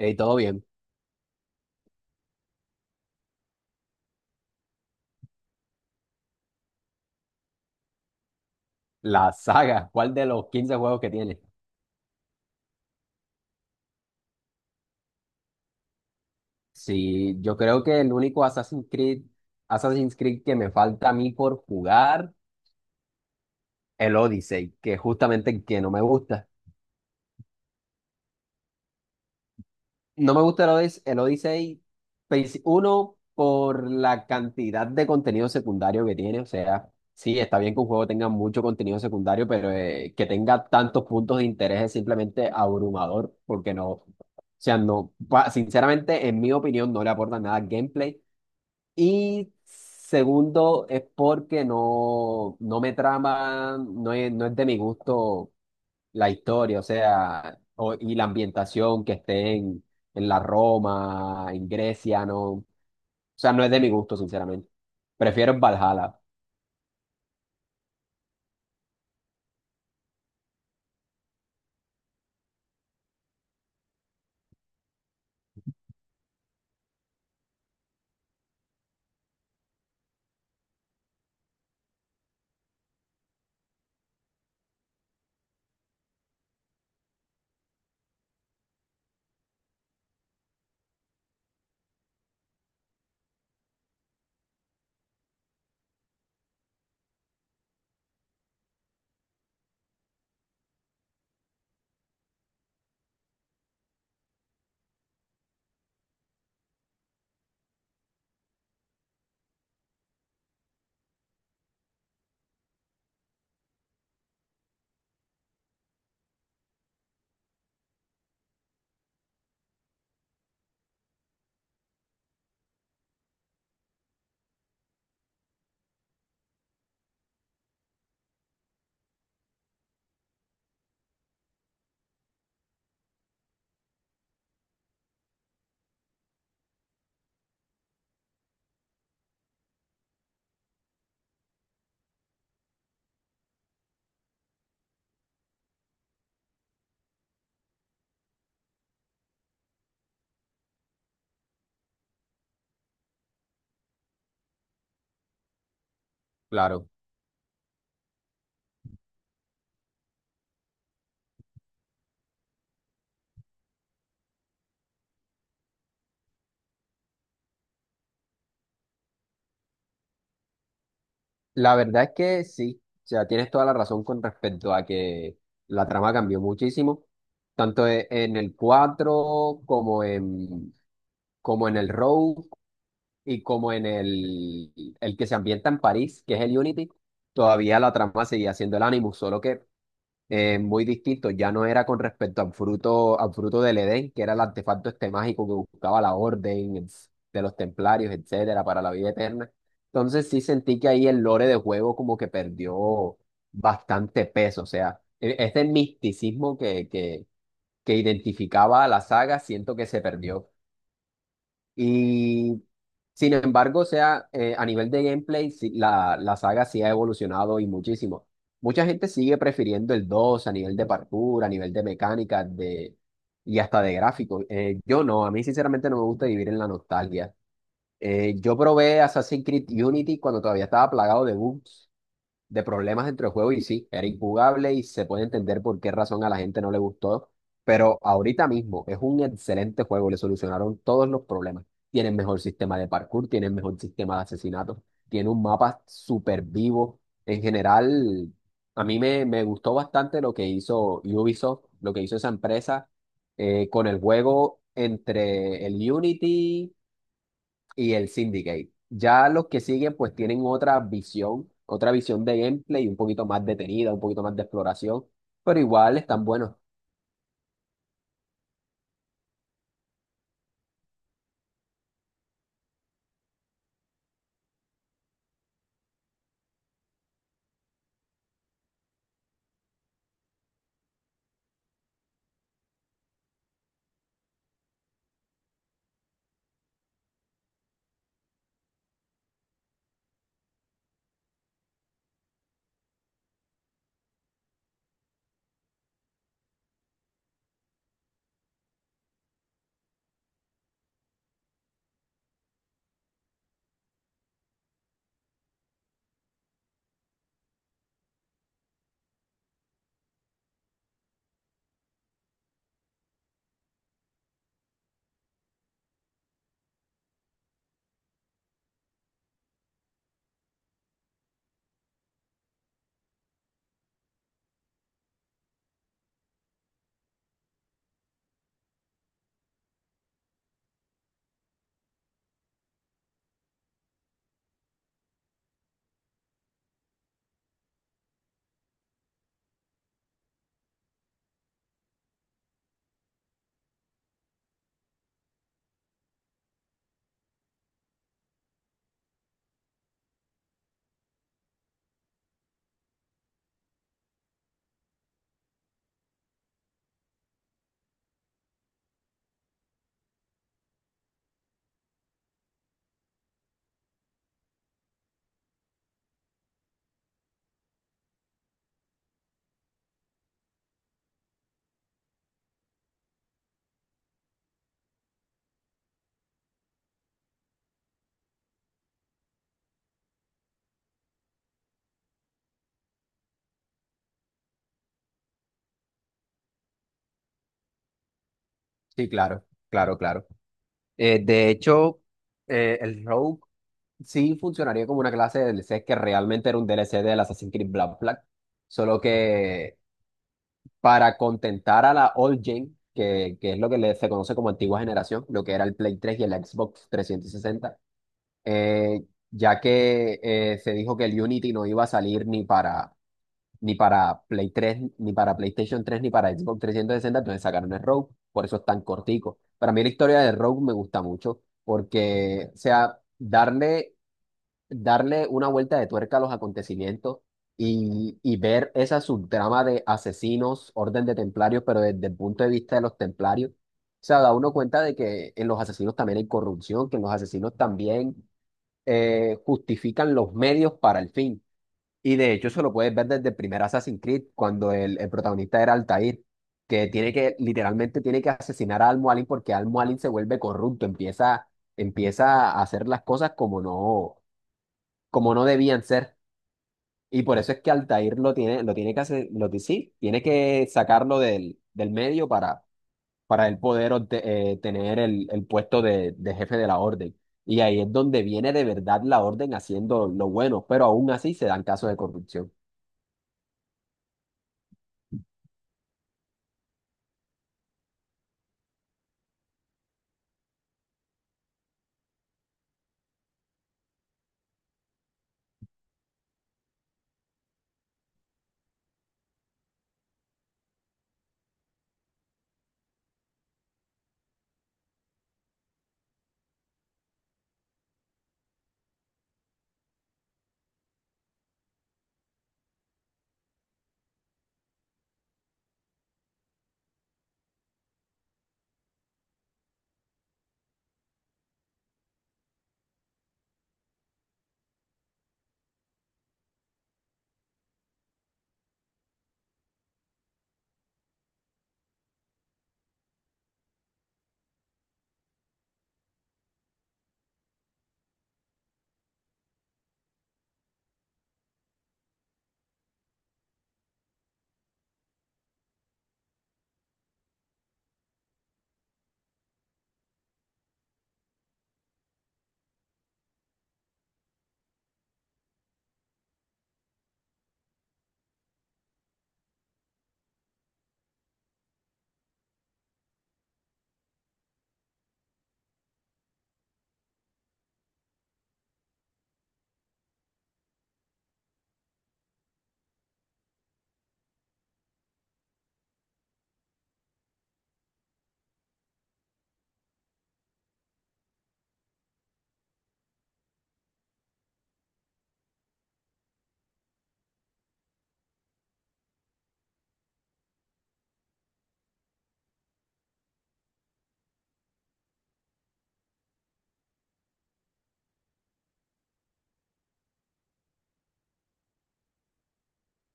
Y todo bien. La saga, ¿cuál de los 15 juegos que tiene? Sí, yo creo que el único Assassin's Creed que me falta a mí por jugar, el Odyssey, que es justamente el que no me gusta. No me gusta el Odyssey, pues, uno, por la cantidad de contenido secundario que tiene. O sea, sí, está bien que un juego tenga mucho contenido secundario, pero que tenga tantos puntos de interés es simplemente abrumador, porque no, o sea, no, sinceramente, en mi opinión, no le aporta nada al gameplay. Y segundo, es porque no, no me trama, no es de mi gusto la historia, o sea, y la ambientación, que esté en la Roma, en Grecia, no, o sea, no es de mi gusto, sinceramente. Prefiero el Valhalla, claro. La verdad es que sí, o sea, tienes toda la razón con respecto a que la trama cambió muchísimo, tanto en el cuatro, como en el Road y como en el que se ambienta en París, que es el Unity, todavía la trama seguía siendo el Animus, solo que muy distinto. Ya no era con respecto al fruto del Edén, que era el artefacto este mágico que buscaba la orden, de los templarios, etcétera, para la vida eterna. Entonces sí sentí que ahí el lore de juego como que perdió bastante peso. O sea, este misticismo que identificaba a la saga, siento que se perdió. Y sin embargo, o sea, a nivel de gameplay, sí, la saga sí ha evolucionado y muchísimo. Mucha gente sigue prefiriendo el 2 a nivel de parkour, a nivel de mecánica de, y hasta de gráfico. Yo no, a mí sinceramente no me gusta vivir en la nostalgia. Yo probé Assassin's Creed Unity cuando todavía estaba plagado de bugs, de problemas entre el juego, y sí, era injugable y se puede entender por qué razón a la gente no le gustó, pero ahorita mismo es un excelente juego, le solucionaron todos los problemas. Tienen mejor sistema de parkour, tienen mejor sistema de asesinatos, tiene un mapa súper vivo. En general, a mí me gustó bastante lo que hizo Ubisoft, lo que hizo esa empresa con el juego entre el Unity y el Syndicate. Ya los que siguen pues tienen otra visión de gameplay un poquito más detenida, un poquito más de exploración, pero igual están buenos. Sí, claro, claro, claro. De hecho, el Rogue sí funcionaría como una clase de DLC, que realmente era un DLC del Assassin's Creed Black Flag, solo que para contentar a la old gen, que es lo que se conoce como antigua generación, lo que era el Play 3 y el Xbox 360, eh, ya que se dijo que el Unity no iba a salir ni para, Play 3 ni para PlayStation 3 ni para Xbox 360, entonces sacaron el Rogue, por eso es tan cortico. Para mí la historia de Rogue me gusta mucho, porque, o sea, darle una vuelta de tuerca a los acontecimientos y ver esa subtrama de asesinos, orden de templarios, pero desde el punto de vista de los templarios. O sea, da uno cuenta de que en los asesinos también hay corrupción, que en los asesinos también justifican los medios para el fin. Y de hecho, eso lo puedes ver desde el primer Assassin's Creed, cuando el protagonista era Altair, que tiene que, literalmente tiene que asesinar a Al-Mualim porque Al-Mualim se vuelve corrupto, empieza a hacer las cosas como no, debían ser. Y por eso es que Altair lo tiene que hacer, lo, sí, tiene que sacarlo del medio, para él poder tener el puesto de jefe de la orden. Y ahí es donde viene de verdad la orden haciendo lo bueno, pero aún así se dan casos de corrupción.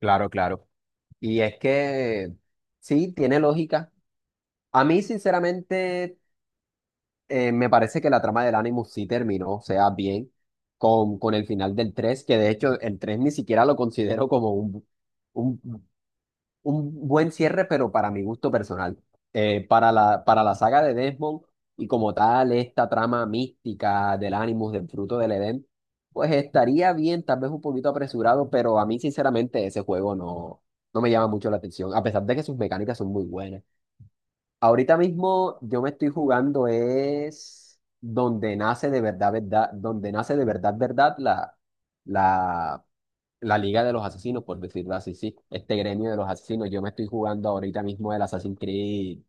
Claro, claro. Y es que sí, tiene lógica. A mí, sinceramente, me parece que la trama del Animus sí terminó, o sea, bien, con el final del tres, que de hecho el 3 ni siquiera lo considero como un, un un buen cierre, pero para mi gusto personal. Para la saga de Desmond y como tal, esta trama mística del Animus, del fruto del Edén, pues estaría bien, tal vez un poquito apresurado, pero a mí sinceramente ese juego no, no me llama mucho la atención, a pesar de que sus mecánicas son muy buenas. Ahorita mismo yo me estoy jugando, es donde nace de verdad, verdad, donde nace de verdad, verdad la la Liga de los Asesinos, por decirlo así, sí. Este gremio de los asesinos, yo me estoy jugando ahorita mismo el Assassin's Creed,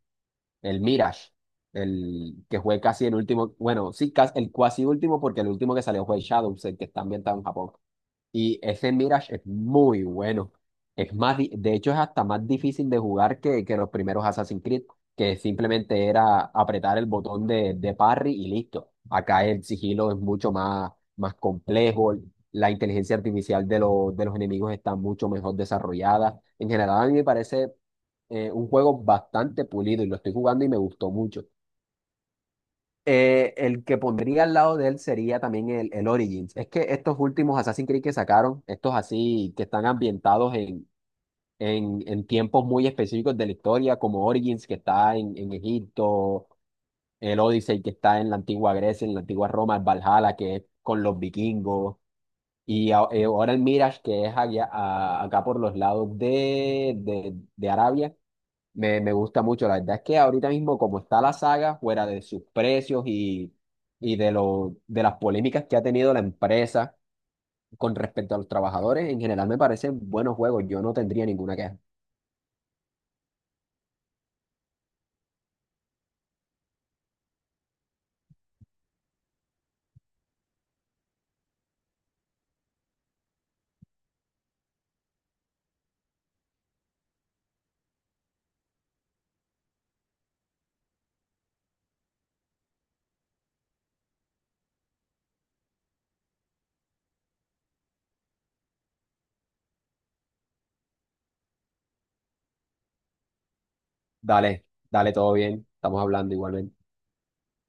el Mirage, el que fue casi el último, bueno, sí, casi, el cuasi último, porque el último que salió fue el Shadows, el que está ambientado en Japón. Y ese Mirage es muy bueno. Es más, de hecho, es hasta más difícil de jugar que los primeros Assassin's Creed, que simplemente era apretar el botón de parry y listo. Acá el sigilo es mucho más complejo. La inteligencia artificial los de los enemigos está mucho mejor desarrollada. En general, a mí me parece un juego bastante pulido, y lo estoy jugando y me gustó mucho. El que pondría al lado de él sería también el Origins. Es que estos últimos Assassin's Creed que sacaron, estos así que están ambientados en tiempos muy específicos de la historia, como Origins que está en Egipto, el Odyssey que está en la antigua Grecia, en la antigua Roma, el Valhalla que es con los vikingos, y ahora el Mirage, que es acá por los lados de Arabia, me gusta mucho. La verdad es que ahorita mismo, como está la saga, fuera de sus precios, y de lo, de las polémicas que ha tenido la empresa con respecto a los trabajadores, en general me parecen buenos juegos. Yo no tendría ninguna queja. Dale, dale, todo bien. Estamos hablando igualmente.